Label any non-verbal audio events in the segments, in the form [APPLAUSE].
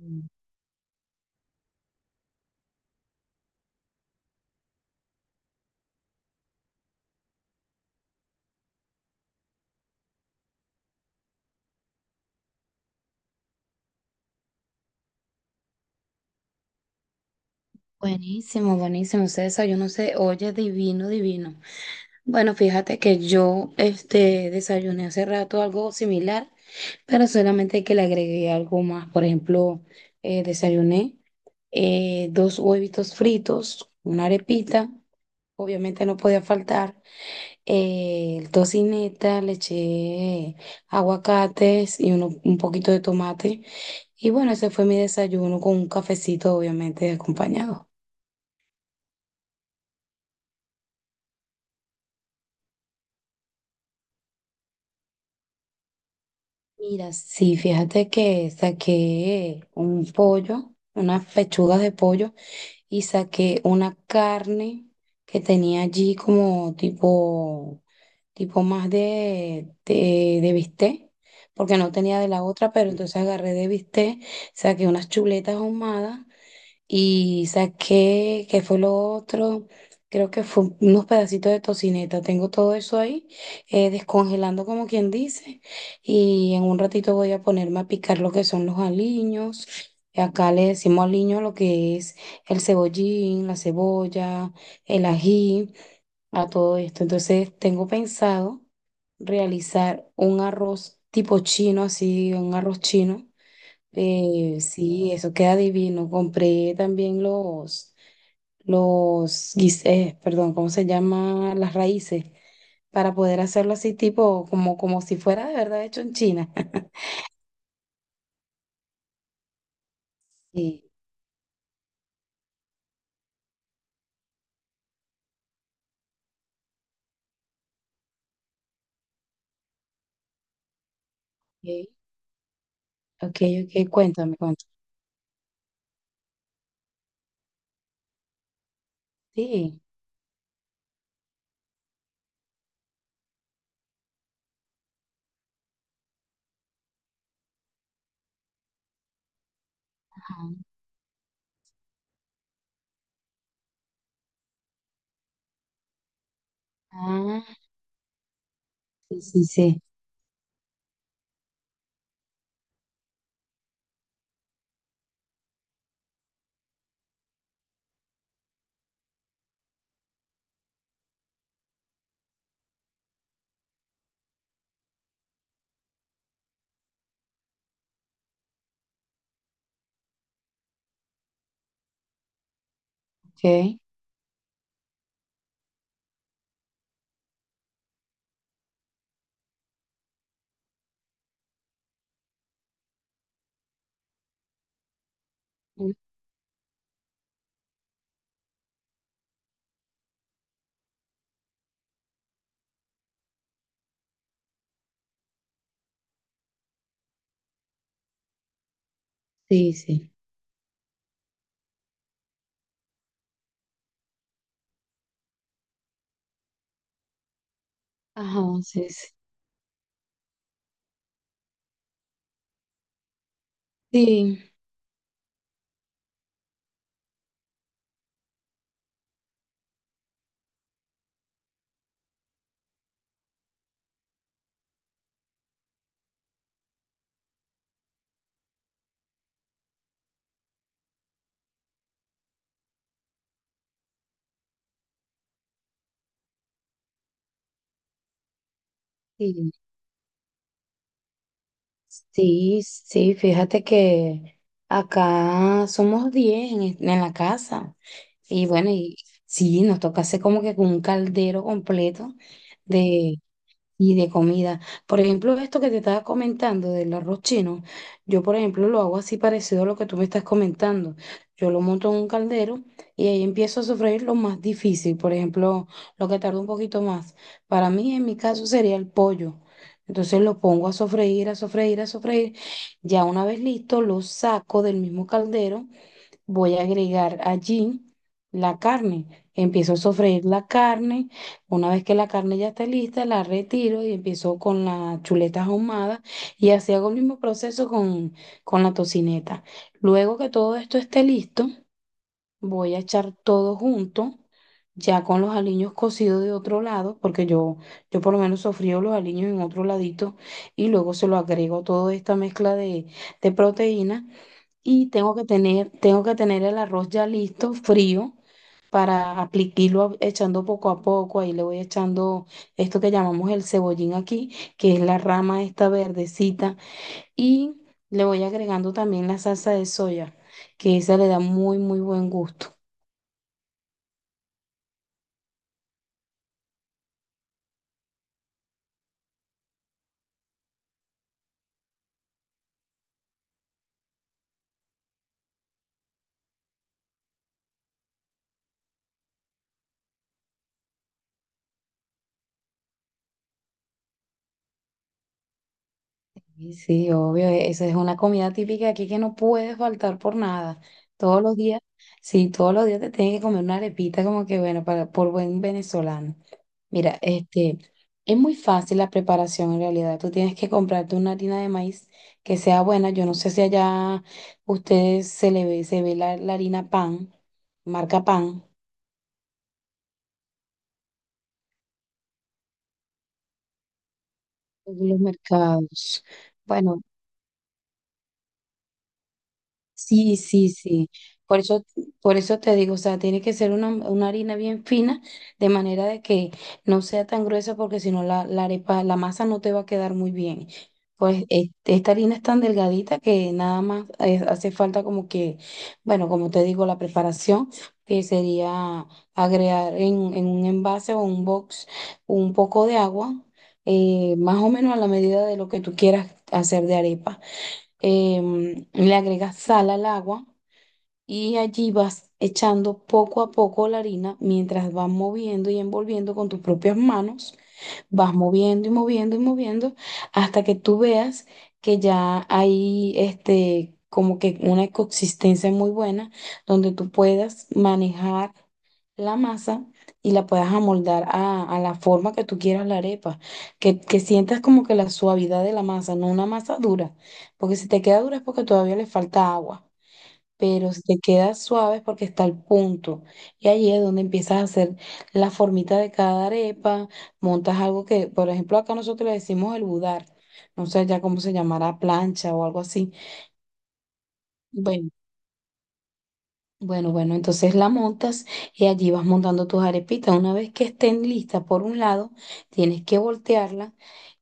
Mm. Buenísimo, buenísimo. Ese desayuno se oye divino, divino. Bueno, fíjate que yo desayuné hace rato algo similar, pero solamente que le agregué algo más. Por ejemplo, desayuné dos huevitos fritos, una arepita, obviamente no podía faltar, tocineta, le eché aguacates y un poquito de tomate. Y bueno, ese fue mi desayuno con un cafecito, obviamente, acompañado. Mira, sí, fíjate que saqué un pollo, unas pechugas de pollo y saqué una carne que tenía allí como tipo, tipo más de bistec, porque no tenía de la otra, pero entonces agarré de bistec, saqué unas chuletas ahumadas y saqué, ¿qué fue lo otro? Creo que fue unos pedacitos de tocineta. Tengo todo eso ahí, descongelando como quien dice. Y en un ratito voy a ponerme a picar lo que son los aliños. Y acá le decimos aliño a lo que es el cebollín, la cebolla, el ají, a todo esto. Entonces tengo pensado realizar un arroz tipo chino, así, un arroz chino sí, eso queda divino. Compré también los, perdón, ¿cómo se llama? Las raíces, para poder hacerlo así tipo, como, como si fuera de verdad hecho en China. [LAUGHS] Sí, ok, ok, cuéntame, cuéntame. Sí, ajá. Ah, sí, sí, sí, ok. Sí, sí. Ajá, sí, sí. Sí, sí. Sí, sí, fíjate que acá somos 10 en, en la casa. Y bueno, y sí, nos toca hacer como que con un caldero completo y de comida. Por ejemplo, esto que te estaba comentando del arroz chino, yo por ejemplo lo hago así parecido a lo que tú me estás comentando. Yo lo monto en un caldero y ahí empiezo a sofreír lo más difícil, por ejemplo, lo que tarda un poquito más. Para mí, en mi caso, sería el pollo. Entonces lo pongo a sofreír, a sofreír, a sofreír. Ya una vez listo, lo saco del mismo caldero, voy a agregar allí la carne. Empiezo a sofreír la carne. Una vez que la carne ya está lista, la retiro y empiezo con las chuletas ahumadas. Y así hago el mismo proceso con la tocineta. Luego que todo esto esté listo, voy a echar todo junto. Ya con los aliños cocidos de otro lado, porque yo por lo menos sofrío los aliños en otro ladito y luego se lo agrego toda esta mezcla de proteína y tengo que tener el arroz ya listo, frío, para aplicarlo echando poco a poco. Ahí le voy echando esto que llamamos el cebollín aquí, que es la rama esta verdecita, y le voy agregando también la salsa de soya, que esa le da muy, muy buen gusto. Sí, sí, obvio, esa es una comida típica aquí que no puede faltar por nada. Todos los días, sí, todos los días te tienes que comer una arepita como que, bueno, para, por buen venezolano. Mira, es muy fácil la preparación en realidad. Tú tienes que comprarte una harina de maíz que sea buena. Yo no sé si allá ustedes se ve la harina pan, marca pan, en los mercados. Bueno, sí, sí, sí. Por eso, por eso te digo, o sea, tiene que ser una harina bien fina, de manera de que no sea tan gruesa, porque si no la arepa, la masa no te va a quedar muy bien. Pues esta harina es tan delgadita que nada más hace falta como que, bueno, como te digo, la preparación, que sería agregar en un envase o un box un poco de agua, más o menos a la medida de lo que tú quieras hacer de arepa, le agregas sal al agua y allí vas echando poco a poco la harina mientras vas moviendo y envolviendo con tus propias manos, vas moviendo y moviendo y moviendo hasta que tú veas que ya hay como que una consistencia muy buena donde tú puedas manejar la masa y la puedas amoldar a la forma que tú quieras la arepa, que sientas como que la suavidad de la masa, no una masa dura, porque si te queda dura es porque todavía le falta agua, pero si te queda suave es porque está al punto y ahí es donde empiezas a hacer la formita de cada arepa, montas algo que, por ejemplo, acá nosotros le decimos el budar, no sé ya cómo se llamará, plancha o algo así. Bueno, bueno, bueno, entonces la montas y allí vas montando tus arepitas. Una vez que estén listas por un lado, tienes que voltearla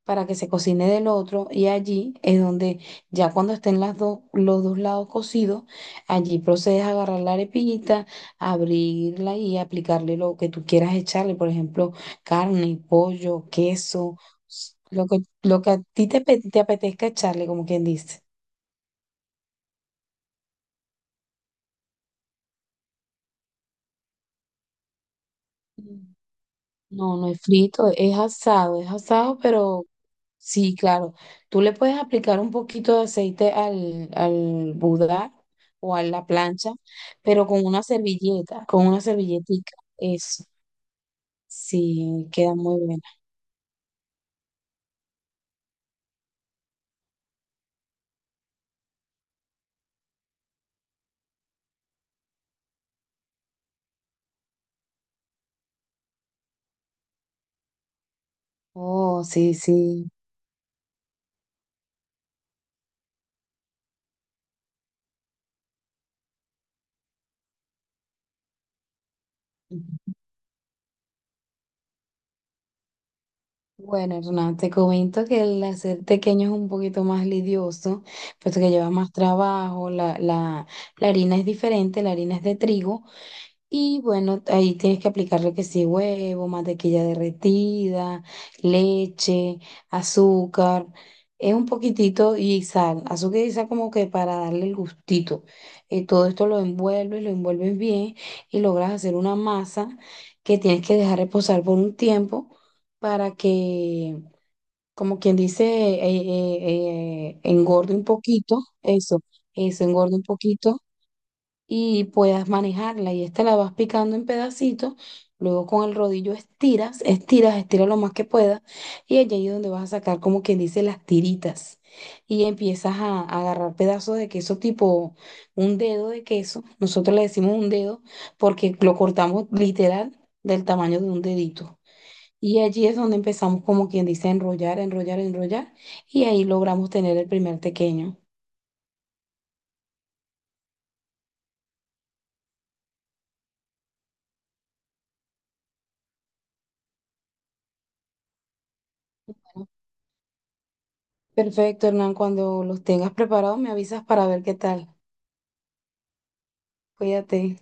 para que se cocine del otro y allí es donde ya cuando estén las dos, los dos lados cocidos, allí procedes a agarrar la arepita, abrirla y aplicarle lo que tú quieras echarle, por ejemplo, carne, pollo, queso, lo que a ti te apetezca echarle, como quien dice. No, no es frito, es asado, pero sí, claro. Tú le puedes aplicar un poquito de aceite al, al budar o a la plancha, pero con una servilleta, con una servilletica, eso. Sí, queda muy buena. Oh, sí, sí. Bueno, Hernán, te comento que el hacer tequeño es un poquito más lidioso, puesto que lleva más trabajo, la harina es diferente, la harina es de trigo. Y bueno, ahí tienes que aplicarle que sí, huevo, mantequilla derretida, leche, azúcar, es un poquitito y sal, azúcar y sal como que para darle el gustito. Todo esto lo envuelves bien y logras hacer una masa que tienes que dejar reposar por un tiempo para que, como quien dice, engorde un poquito, eso engorde un poquito y puedas manejarla. Y esta la vas picando en pedacitos, luego con el rodillo estiras, estiras, estiras lo más que puedas, y allá es donde vas a sacar como quien dice las tiritas. Y empiezas a agarrar pedazos de queso tipo un dedo de queso. Nosotros le decimos un dedo porque lo cortamos literal del tamaño de un dedito. Y allí es donde empezamos como quien dice a enrollar, enrollar, enrollar, y ahí logramos tener el primer tequeño. Perfecto, Hernán. Cuando los tengas preparados, me avisas para ver qué tal. Cuídate.